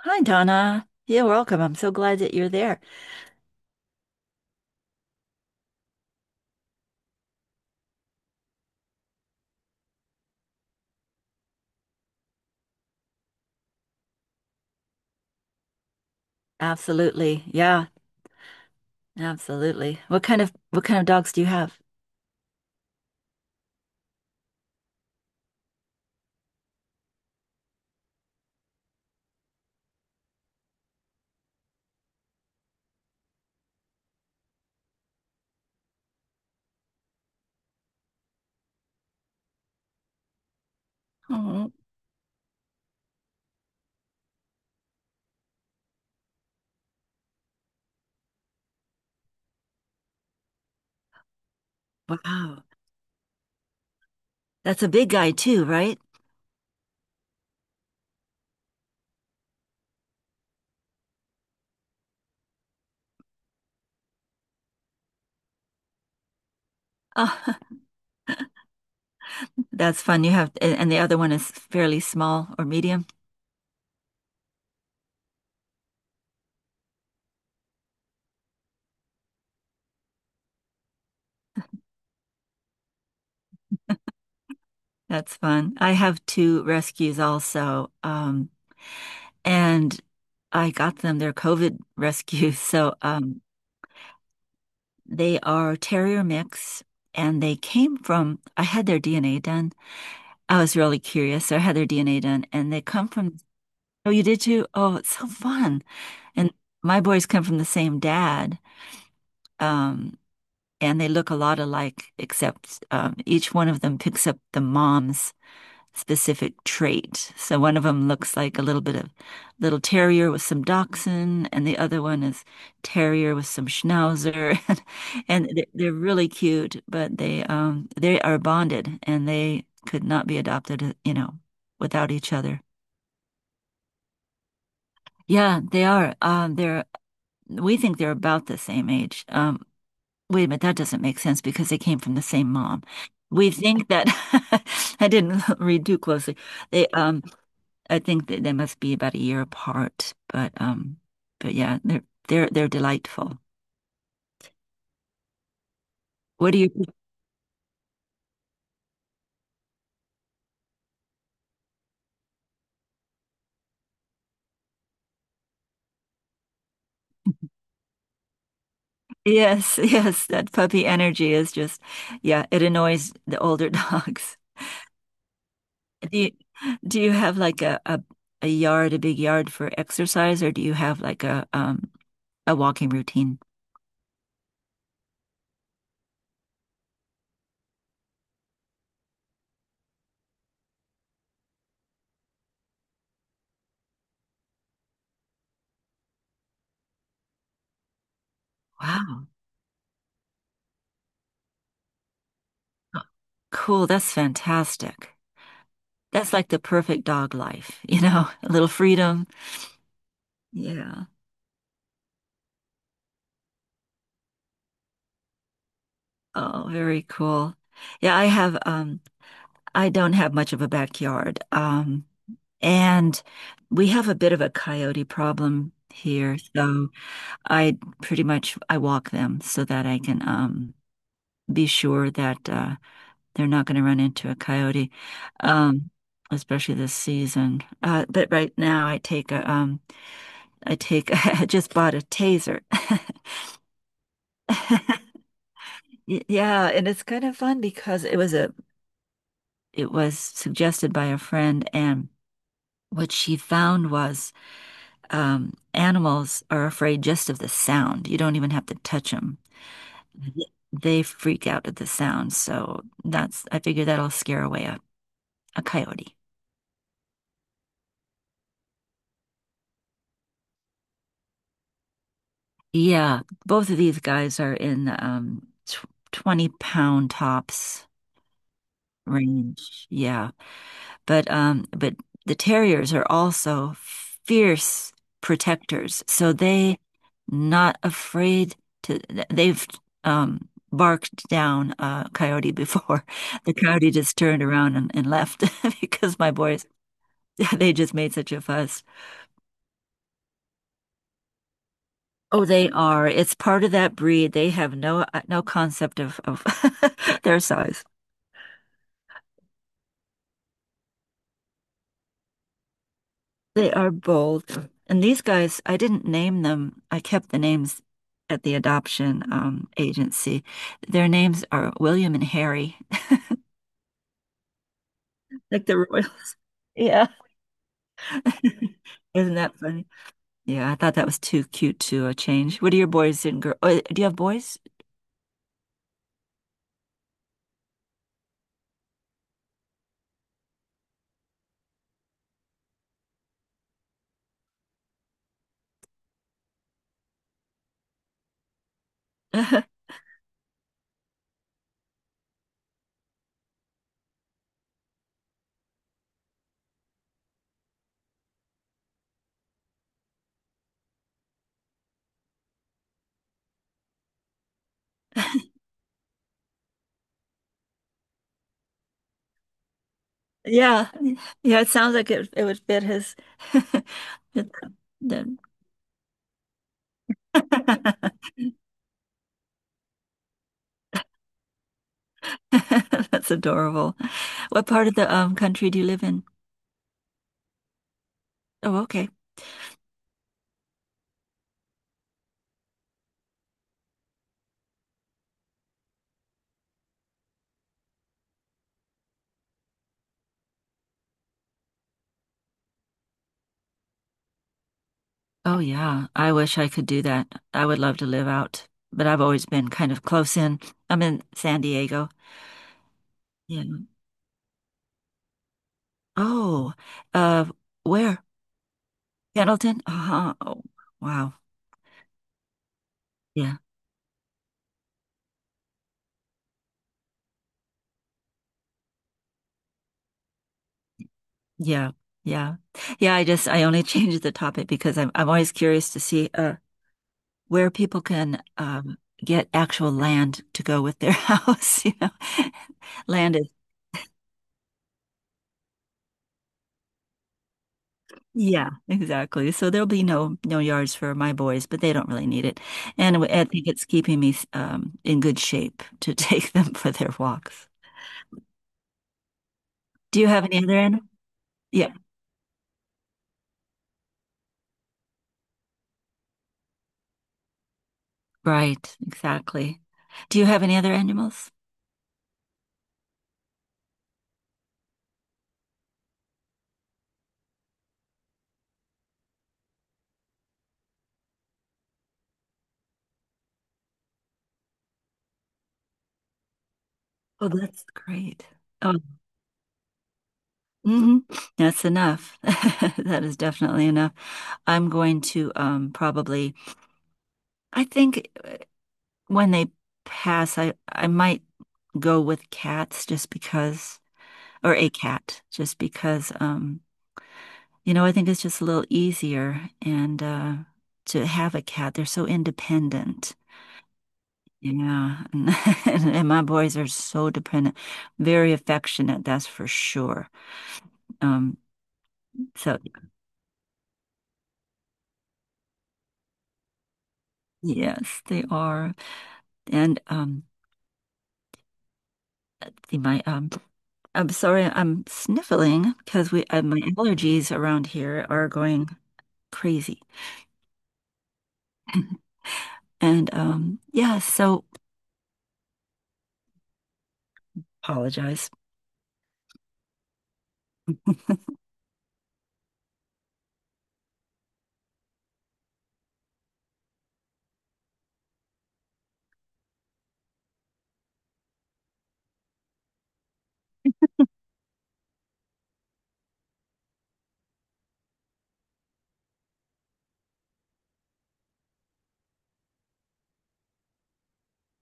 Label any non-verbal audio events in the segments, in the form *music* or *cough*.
Hi, Donna. You're welcome. I'm so glad that you're there. Absolutely. Yeah, absolutely. What kind of dogs do you have? Oh, wow. That's a big guy too, right? Oh, *laughs* that's fun. You have, and the other one is fairly small or medium. That's fun. I have two rescues also. And I got them, they're COVID rescues. *laughs* So, they are terrier mix and they came from, I had their DNA done. I was really curious. So I had their DNA done, and they come from. Oh, you did too? Oh, it's so fun. And my boys come from the same dad, um, and they look a lot alike, except each one of them picks up the mom's specific trait. So one of them looks like a little bit of little terrier with some dachshund, and the other one is terrier with some schnauzer, *laughs* and they- are really cute, but they are bonded and they could not be adopted, you know, without each other. Yeah, they are. They're we think they're about the same age. Wait a minute, that doesn't make sense because they came from the same mom. We think that *laughs* I didn't *laughs* read too closely. They I think that they must be about a year apart, but yeah, they're delightful. What do you? *laughs* Yes, yes, that puppy energy is just, yeah, it annoys the older *laughs* dogs. Do you, do you have like a yard, a big yard for exercise, or do you have like a walking routine? Wow, cool, that's fantastic. That's like the perfect dog life, you know, *laughs* a little freedom. Yeah. Oh, very cool. Yeah, I don't have much of a backyard. And we have a bit of a coyote problem here. So I pretty much I walk them so that I can be sure that they're not going to run into a coyote, um, especially this season. But right now I take *laughs* I just bought a taser. *laughs* Y- Yeah, and it's kind of fun because it was suggested by a friend and what she found was animals are afraid just of the sound. You don't even have to touch them. They freak out at the sound. So that's, I figure that'll scare away a coyote. Yeah, both of these guys are in tw 20-pound tops range. Yeah. But the terriers are also fierce protectors, so they not afraid to. They've barked down a coyote before. *laughs* The coyote just turned around and left *laughs* because my boys *laughs* they just made such a fuss. Oh, they are. It's part of that breed. They have no concept of *laughs* their size. They are bold. And these guys, I didn't name them. I kept the names at the adoption agency. Their names are William and Harry, *laughs* like the royals. Yeah. *laughs* Isn't that funny? Yeah, I thought that was too cute to change. What are your boys and girls? Oh, do you have boys? *laughs* Yeah. Yeah, it sounds like it would fit his *laughs* the- the- *laughs* That's adorable. What part of the country do you live in? Oh, okay. Oh, yeah. I wish I could do that. I would love to live out, but I've always been kind of close in. I'm in San Diego. Yeah. Oh, uh, where? Pendleton? Uh-huh. Oh, wow. Yeah. Yeah. Yeah. Yeah. I only *laughs* changed the topic because I'm always curious to see, where people can, get actual land to go with their *laughs* house, you know. Land is yeah, exactly. So there'll be no yards for my boys, but they don't really need it. And I think it's keeping me in good shape *laughs* to take them for their walks. Do you have any other animals? Yeah, right, exactly. Do you have any other animals? Oh, that's great. Oh, hmm. That's enough. *laughs* That is definitely enough. I'm going to probably, I think when they pass, I might go with cats just because, or a cat, just because you know, I think it's just a little easier and to have a cat. They're so independent. Yeah. *laughs* And my boys are so dependent, very affectionate, that's for sure. Um, so yes, they are. And they might I'm sorry, I'm sniffling because we my allergies around here are going crazy. And yeah, so apologize. *laughs*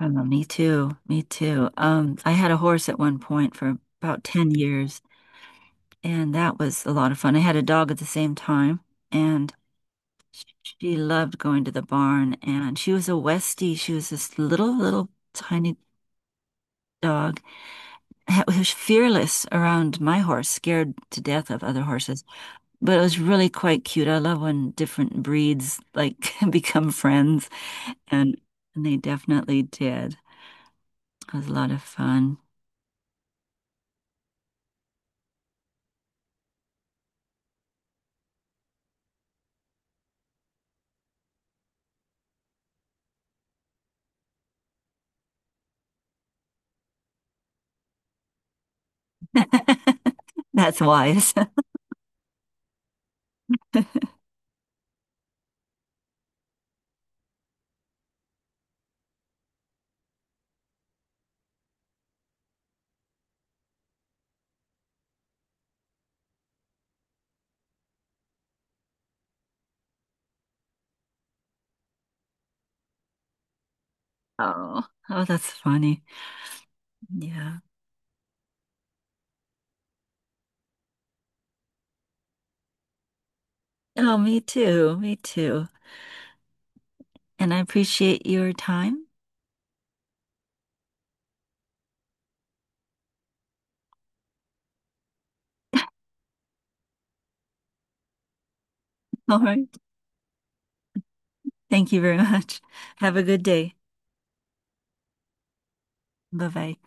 Oh, me too. Me too. I had a horse at one point for about 10 years, and that was a lot of fun. I had a dog at the same time, and sh- she loved going to the barn. And she was a Westie. She was this little, little tiny dog. It was fearless around my horse, scared to death of other horses. But it was really quite cute. I love when different breeds like *laughs* become friends, and, and they definitely did. It was a lot of fun. That's wise. *laughs* Oh, oh, that's funny. Yeah. Oh, me too. Me too. And I appreciate your time. All right. Thank you very *laughs* much. Have a good day. Bye bye.